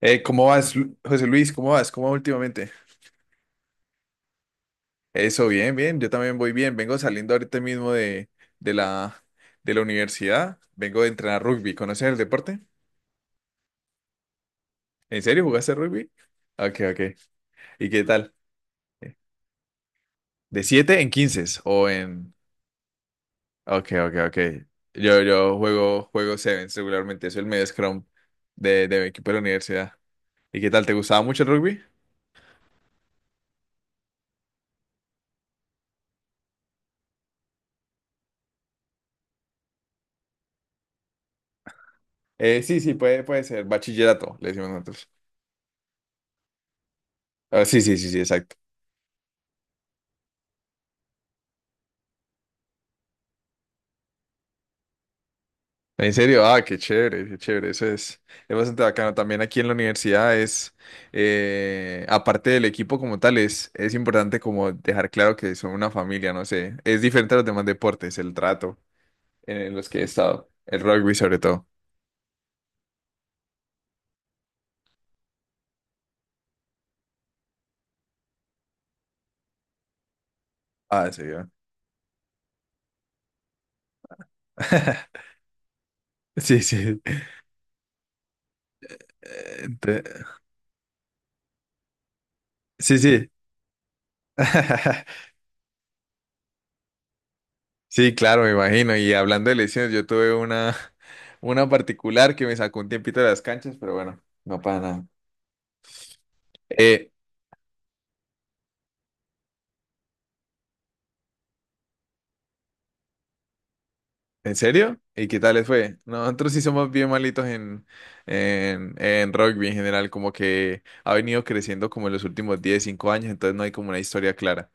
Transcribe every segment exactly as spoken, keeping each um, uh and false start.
Eh, ¿cómo vas, Lu- José Luis? ¿Cómo vas? ¿Cómo va últimamente? Eso, bien, bien. Yo también voy bien. Vengo saliendo ahorita mismo de, de la, de la universidad. Vengo de entrenar rugby. ¿Conoces el deporte? ¿En serio jugaste rugby? Ok, ok. ¿Y qué tal? Eh, ¿De siete en quince o en? Ok, ok, ok. Yo, yo juego, juego sevens regularmente. Soy el medio scrum de, de mi equipo de la universidad. ¿Y qué tal? ¿Te gustaba mucho el rugby? Eh, sí, sí, puede, puede ser. Bachillerato, le decimos nosotros. Ah, sí, sí, sí, sí, exacto. En serio, ah, qué chévere, qué chévere, eso es, es bastante bacano. También aquí en la universidad es, eh, aparte del equipo como tal, es, es importante como dejar claro que son una familia, no sé, es diferente a los demás deportes, el trato en los que he estado, el rugby sobre todo. Ah, sí, ya. Sí, sí. Eh, te- Sí, sí. Sí, claro, me imagino. Y hablando de lesiones, yo tuve una, una particular que me sacó un tiempito de las canchas, pero bueno, no pasa nada. Eh, ¿En serio? ¿Y qué tal les fue? Nosotros sí somos bien malitos en, en, en rugby en general, como que ha venido creciendo como en los últimos diez cinco años, entonces no hay como una historia clara.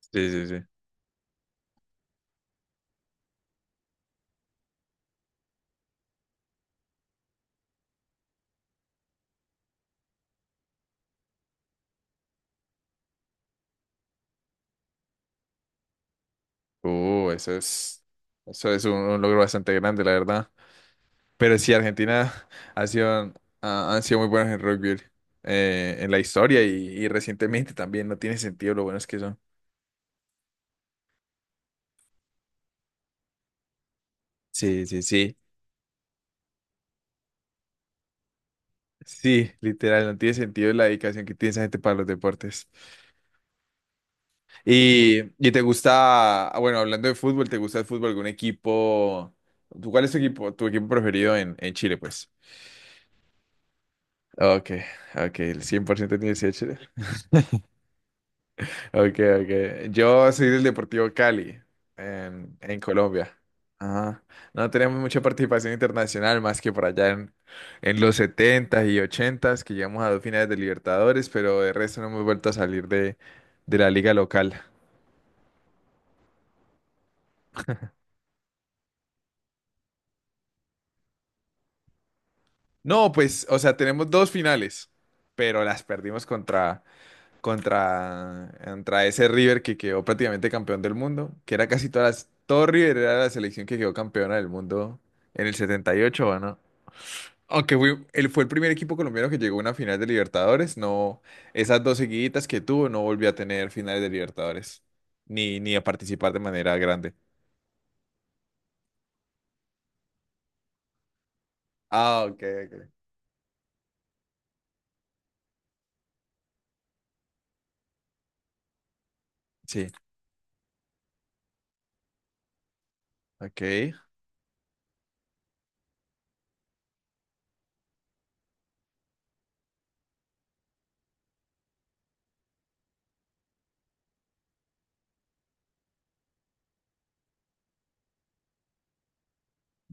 Sí, sí, sí. Uh, eso es, eso es un, un logro bastante grande, la verdad. Pero sí, Argentina ha sido, ha- han sido muy buenos en rugby eh, en la historia y, y recientemente también, no tiene sentido lo buenos que son. Sí, sí, sí. Sí, literal, no tiene sentido la dedicación que tiene esa gente para los deportes. Y, y te gusta, ah, bueno, hablando de fútbol, ¿te gusta el fútbol? ¿Algún equipo? ¿Tú, cuál es tu equipo, tu equipo preferido en, en Chile, pues? Ok, ok, el cien por ciento tiene que ser Chile. Ok, ok. Yo soy del Deportivo Cali, en, en Colombia. Ajá. No tenemos mucha participación internacional, más que por allá en, en los setentas y ochentas que llegamos a dos finales de Libertadores, pero de resto no hemos vuelto a salir de, de la liga local. No, pues, o sea, tenemos dos finales, pero las perdimos contra, contra, contra ese River que quedó prácticamente campeón del mundo, que era casi todas las, todo River era la selección que quedó campeona del mundo en el setenta y ocho, ¿o no? Aunque fue, él fue el primer equipo colombiano que llegó a una final de Libertadores, no, esas dos seguiditas que tuvo no volvió a tener finales de Libertadores, ni, ni a participar de manera grande. Ah, ok, ok. Sí, ok.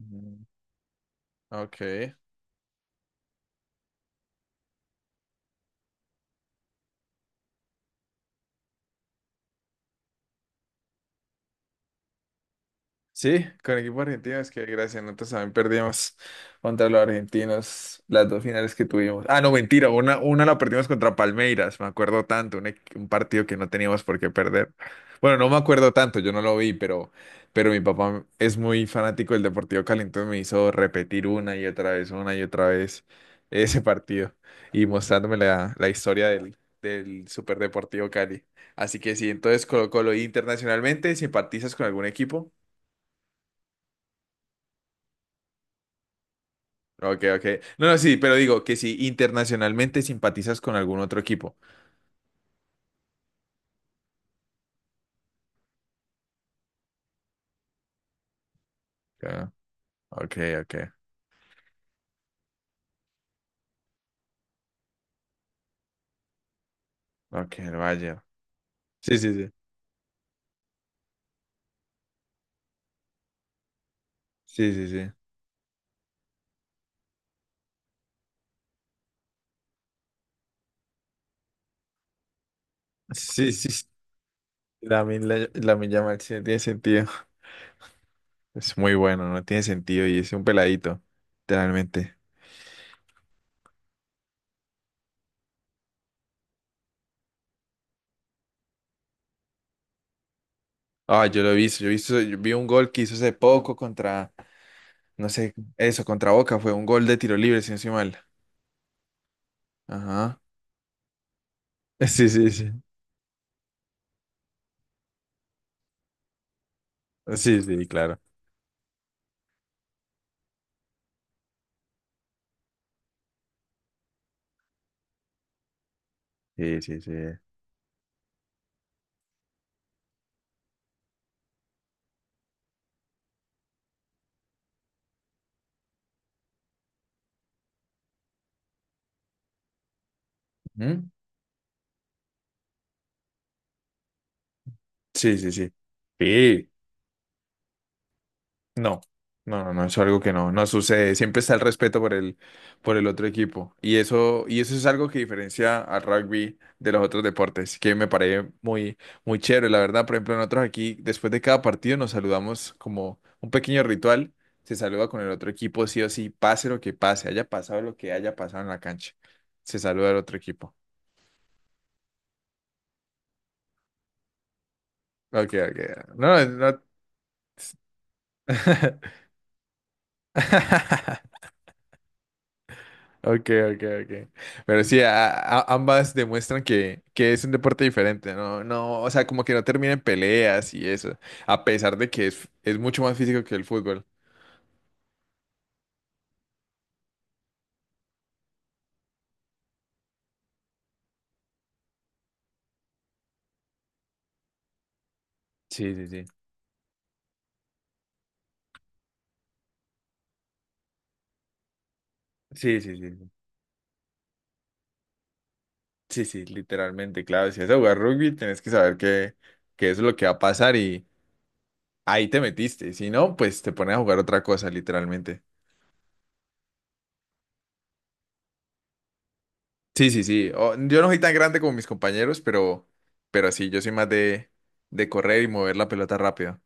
Mm. Ok. Sí, con equipo argentino es que gracias, nosotros también perdimos contra los argentinos las dos finales que tuvimos. Ah, no, mentira, una, una la perdimos contra Palmeiras, me acuerdo tanto, un, equ- un partido que no teníamos por qué perder. Bueno, no me acuerdo tanto, yo no lo vi, pero, pero mi papá es muy fanático del Deportivo Cali, entonces me hizo repetir una y otra vez, una y otra vez ese partido y mostrándome la, la historia del, del Super Deportivo Cali. Así que sí, entonces Colo Colo, ¿y internacionalmente, ¿simpatizas con algún equipo? Ok, ok. No, no, sí, pero digo que si internacionalmente simpatizas con algún otro equipo. Ah, ok, ok. Ok, el Bayern. Sí, sí, sí. Sí, sí, sí. Sí, sí, sí. Lamine la Lamine Yamal, sí, no tiene sentido. Es muy bueno, no tiene sentido y es un peladito, literalmente. Ah, yo lo he visto, yo he visto, yo vi un gol que hizo hace poco contra, no sé, eso, contra Boca, fue un gol de tiro libre, si no estoy mal. Ajá. Sí, sí, sí. Sí, sí, claro. Sí, sí, sí. Ujú. Sí, sí, sí. Sí. No, no, no, no, es algo que no, no sucede. Siempre está el respeto por el, por el otro equipo. Y eso, y eso es algo que diferencia al rugby de los otros deportes, que me parece muy, muy chévere. La verdad, por ejemplo, nosotros aquí, después de cada partido, nos saludamos como un pequeño ritual. Se saluda con el otro equipo, sí o sí, pase lo que pase, haya pasado lo que haya pasado en la cancha. Se saluda al otro equipo. Ok, ok. No, no. Ok, ok, ok. Pero sí, a- a- ambas demuestran que, que es un deporte diferente, ¿no? No, o sea, como que no termina en peleas y eso, a pesar de que es, es mucho más físico que el fútbol. Sí, sí, sí. Sí, sí, sí. Sí, sí, sí, literalmente, claro. Si vas a jugar rugby, tenés que saber que, que eso es lo que va a pasar y ahí te metiste. Si no, pues te pones a jugar otra cosa, literalmente. Sí, sí, sí. O, yo no soy tan grande como mis compañeros, pero, pero sí, yo soy más de, de correr y mover la pelota rápido.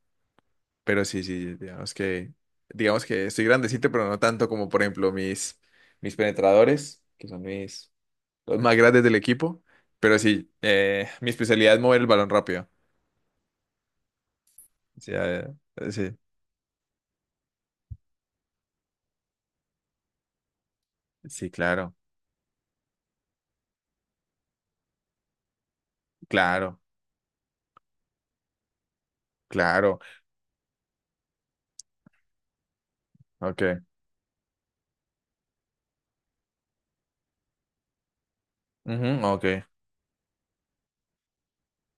Pero sí, sí, sí, digamos que, digamos que estoy grandecito, pero no tanto como, por ejemplo, mis, mis penetradores, que son mis, los más grandes del equipo. Pero sí, eh, mi especialidad es mover el balón rápido. O eh, sí, sí, claro, claro, claro. Ok. Ujú, ok.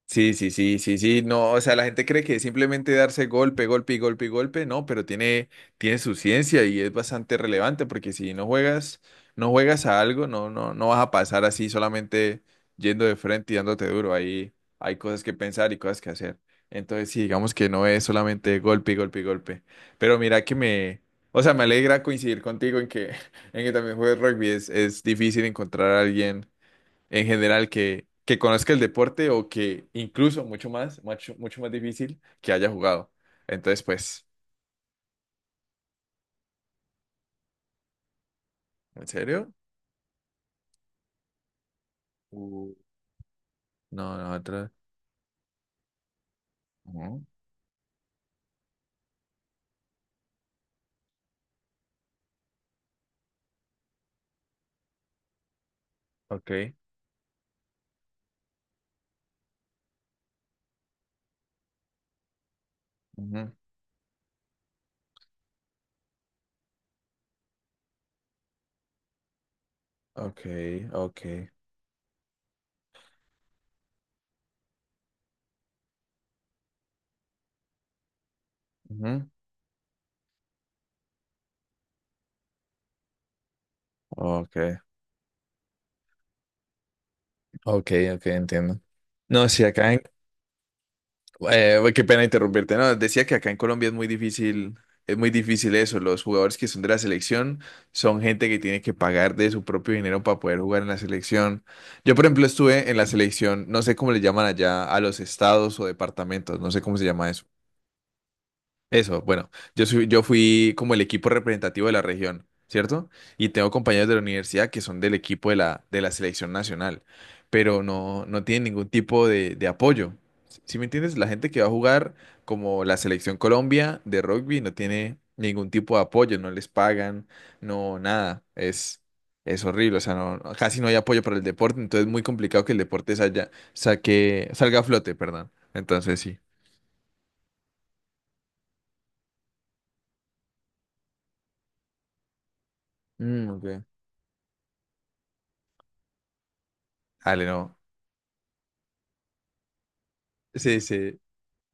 Sí, sí, sí, sí, sí, no, o sea, la gente cree que es simplemente darse golpe, golpe y golpe y golpe, no, pero tiene, tiene su ciencia y es bastante relevante porque si no juegas, no juegas a algo, no, no, no vas a pasar así solamente yendo de frente y dándote duro, ahí hay cosas que pensar y cosas que hacer. Entonces, sí, digamos que no es solamente golpe y golpe y golpe, pero mira que me, o sea, me alegra coincidir contigo en que, en que también juegas rugby, es, es difícil encontrar a alguien en general que, que conozca el deporte o que incluso mucho más, mucho, mucho más difícil que haya jugado. Entonces, pues, ¿en serio? Uh. No, no, otra. Ujú. Ok. Ujú. Ok, ok. Ujú. Ok, ok, ok, entiendo. No, sí, acá en Eh, güey, qué pena interrumpirte. No, decía que acá en Colombia es muy difícil, es muy difícil eso. Los jugadores que son de la selección son gente que tiene que pagar de su propio dinero para poder jugar en la selección. Yo, por ejemplo, estuve en la selección, no sé cómo le llaman allá a los estados o departamentos, no sé cómo se llama eso. Eso, bueno, yo soy, yo fui como el equipo representativo de la región, ¿cierto? Y tengo compañeros de la universidad que son del equipo de la, de la selección nacional, pero no, no tienen ningún tipo de, de apoyo. ¿Si me entiendes? La gente que va a jugar como la selección Colombia de rugby no tiene ningún tipo de apoyo, no les pagan, no, nada. Es, es horrible, o sea, no, no- casi no hay apoyo para el deporte, entonces es muy complicado que el deporte salga, saque, salga a flote, perdón. Entonces sí. Mm, ok. Dale, no. Sí, sí,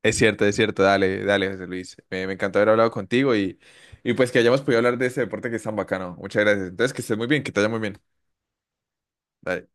es cierto, es cierto. Dale, dale, José Luis. Me, me encantó haber hablado contigo y, y pues que hayamos podido hablar de ese deporte que es tan bacano. Muchas gracias. Entonces, que estés muy bien, que te vaya muy bien. Dale.